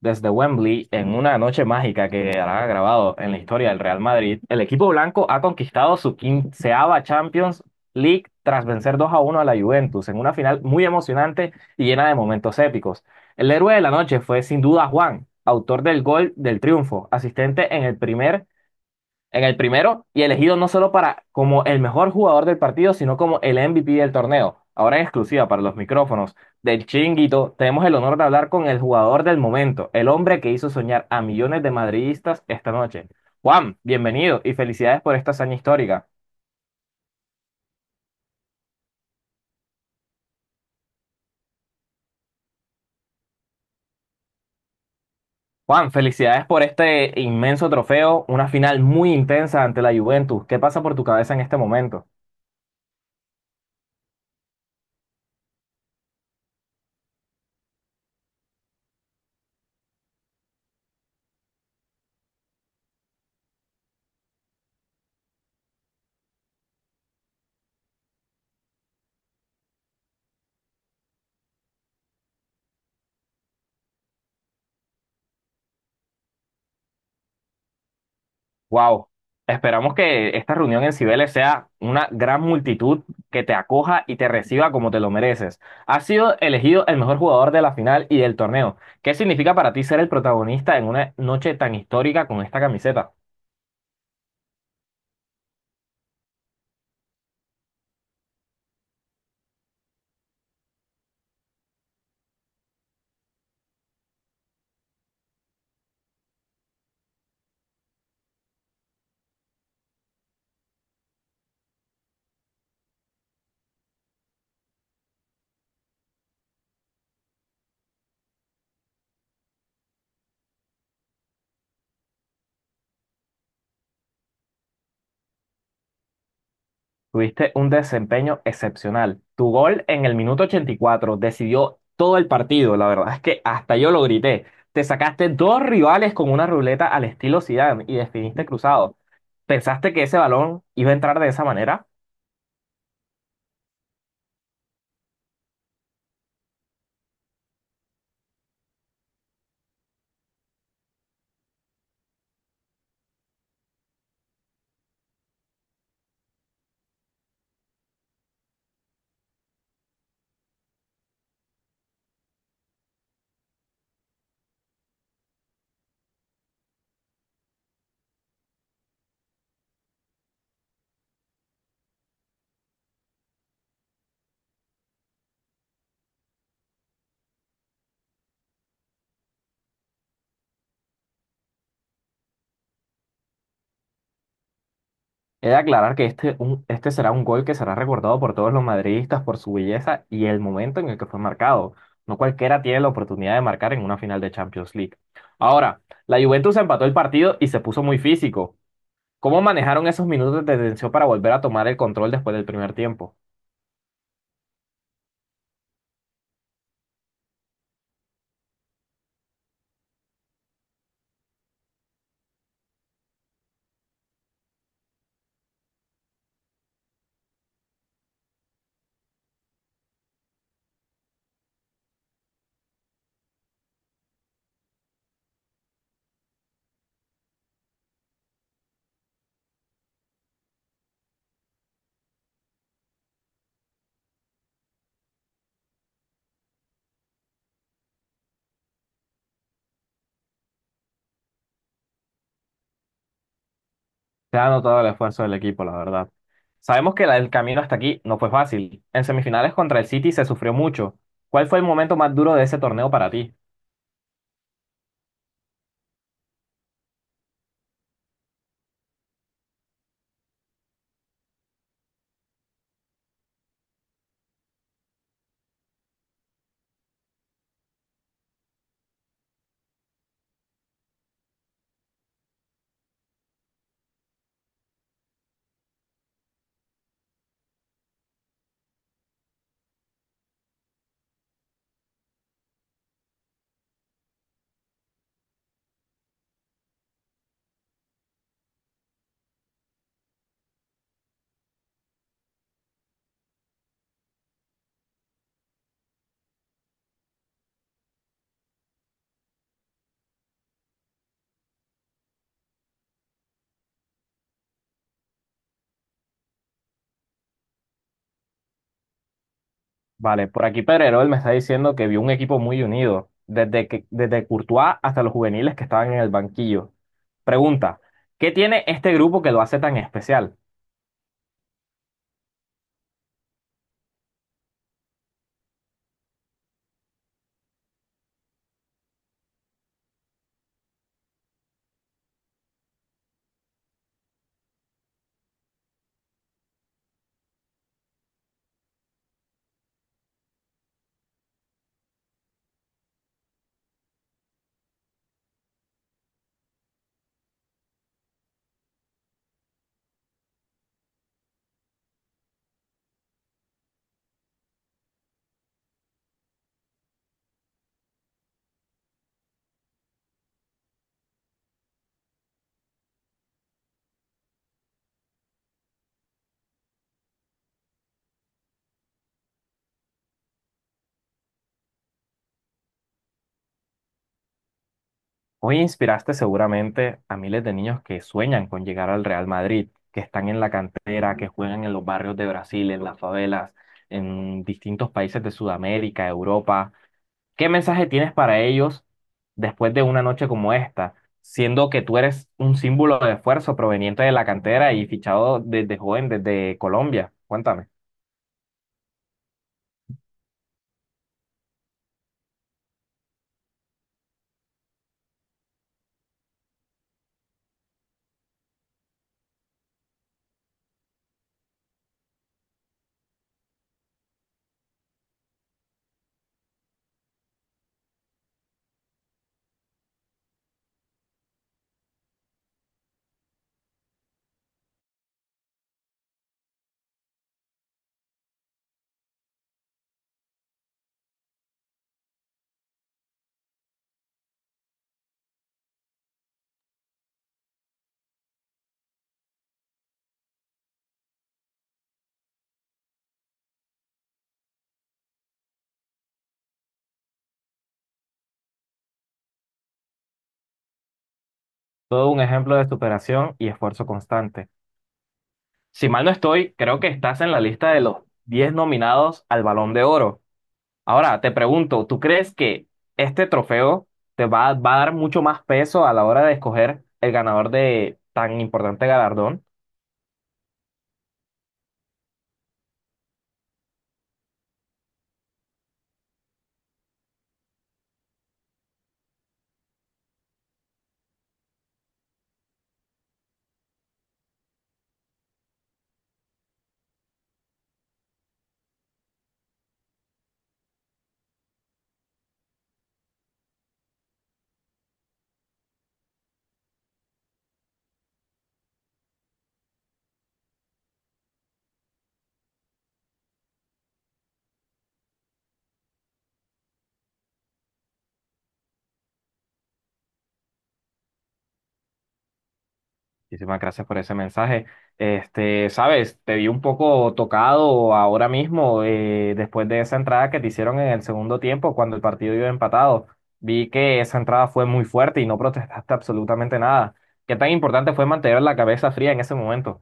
Desde Wembley, en una noche mágica que hará grabado en la historia del Real Madrid, el equipo blanco ha conquistado su quinceava Champions League tras vencer 2 a 1 a la Juventus en una final muy emocionante y llena de momentos épicos. El héroe de la noche fue sin duda Juan, autor del gol del triunfo, asistente en el primero y elegido no solo para como el mejor jugador del partido, sino como el MVP del torneo. Ahora en exclusiva para los micrófonos del Chinguito, tenemos el honor de hablar con el jugador del momento, el hombre que hizo soñar a millones de madridistas esta noche. Juan, bienvenido y felicidades por esta hazaña histórica. Juan, felicidades por este inmenso trofeo, una final muy intensa ante la Juventus. ¿Qué pasa por tu cabeza en este momento? Wow. Esperamos que esta reunión en Cibeles sea una gran multitud que te acoja y te reciba como te lo mereces. Has sido elegido el mejor jugador de la final y del torneo. ¿Qué significa para ti ser el protagonista en una noche tan histórica con esta camiseta? Tuviste un desempeño excepcional. Tu gol en el minuto 84 decidió todo el partido. La verdad es que hasta yo lo grité. Te sacaste dos rivales con una ruleta al estilo Zidane y definiste cruzado. ¿Pensaste que ese balón iba a entrar de esa manera? He de aclarar que este será un gol que será recordado por todos los madridistas por su belleza y el momento en el que fue marcado. No cualquiera tiene la oportunidad de marcar en una final de Champions League. Ahora, la Juventus empató el partido y se puso muy físico. ¿Cómo manejaron esos minutos de tensión para volver a tomar el control después del primer tiempo? Se ha notado el esfuerzo del equipo, la verdad. Sabemos que el camino hasta aquí no fue fácil. En semifinales contra el City se sufrió mucho. ¿Cuál fue el momento más duro de ese torneo para ti? Vale, por aquí Pedrerol me está diciendo que vio un equipo muy unido, desde que, desde Courtois hasta los juveniles que estaban en el banquillo. Pregunta, ¿qué tiene este grupo que lo hace tan especial? Hoy inspiraste seguramente a miles de niños que sueñan con llegar al Real Madrid, que están en la cantera, que juegan en los barrios de Brasil, en las favelas, en distintos países de Sudamérica, Europa. ¿Qué mensaje tienes para ellos después de una noche como esta, siendo que tú eres un símbolo de esfuerzo proveniente de la cantera y fichado desde joven, desde Colombia? Cuéntame. Todo un ejemplo de superación y esfuerzo constante. Si mal no estoy, creo que estás en la lista de los 10 nominados al Balón de Oro. Ahora, te pregunto, ¿tú crees que este trofeo te va a dar mucho más peso a la hora de escoger el ganador de tan importante galardón? Muchísimas gracias por ese mensaje. Este, sabes, te vi un poco tocado ahora mismo, después de esa entrada que te hicieron en el segundo tiempo, cuando el partido iba empatado. Vi que esa entrada fue muy fuerte y no protestaste absolutamente nada. ¿Qué tan importante fue mantener la cabeza fría en ese momento?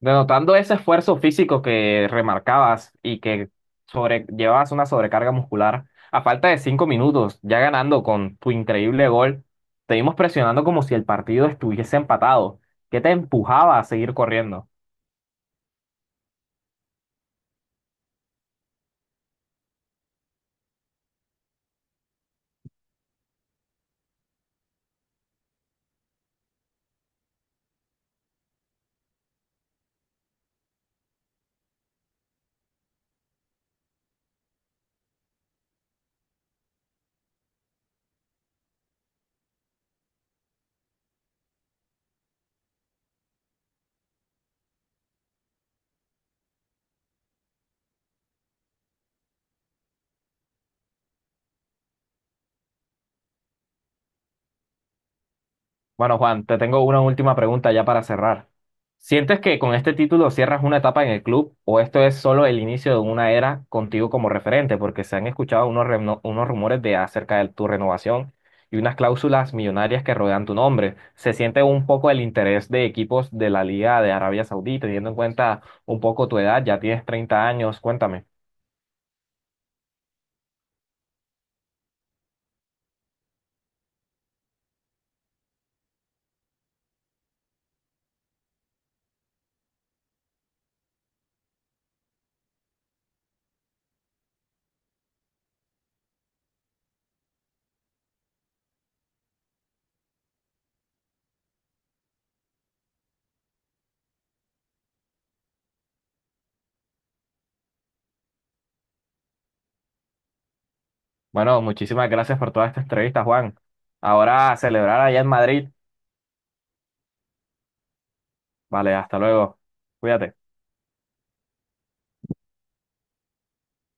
Denotando ese esfuerzo físico que remarcabas y que llevabas una sobrecarga muscular, a falta de 5 minutos, ya ganando con tu increíble gol, te vimos presionando como si el partido estuviese empatado. ¿Qué te empujaba a seguir corriendo? Bueno, Juan, te tengo una última pregunta ya para cerrar. ¿Sientes que con este título cierras una etapa en el club o esto es solo el inicio de una era contigo como referente? Porque se han escuchado unos rumores de acerca de tu renovación y unas cláusulas millonarias que rodean tu nombre. ¿Se siente un poco el interés de equipos de la Liga de Arabia Saudí, teniendo en cuenta un poco tu edad? Ya tienes 30 años, cuéntame. Bueno, muchísimas gracias por toda esta entrevista, Juan. Ahora a celebrar allá en Madrid. Vale, hasta luego. Cuídate.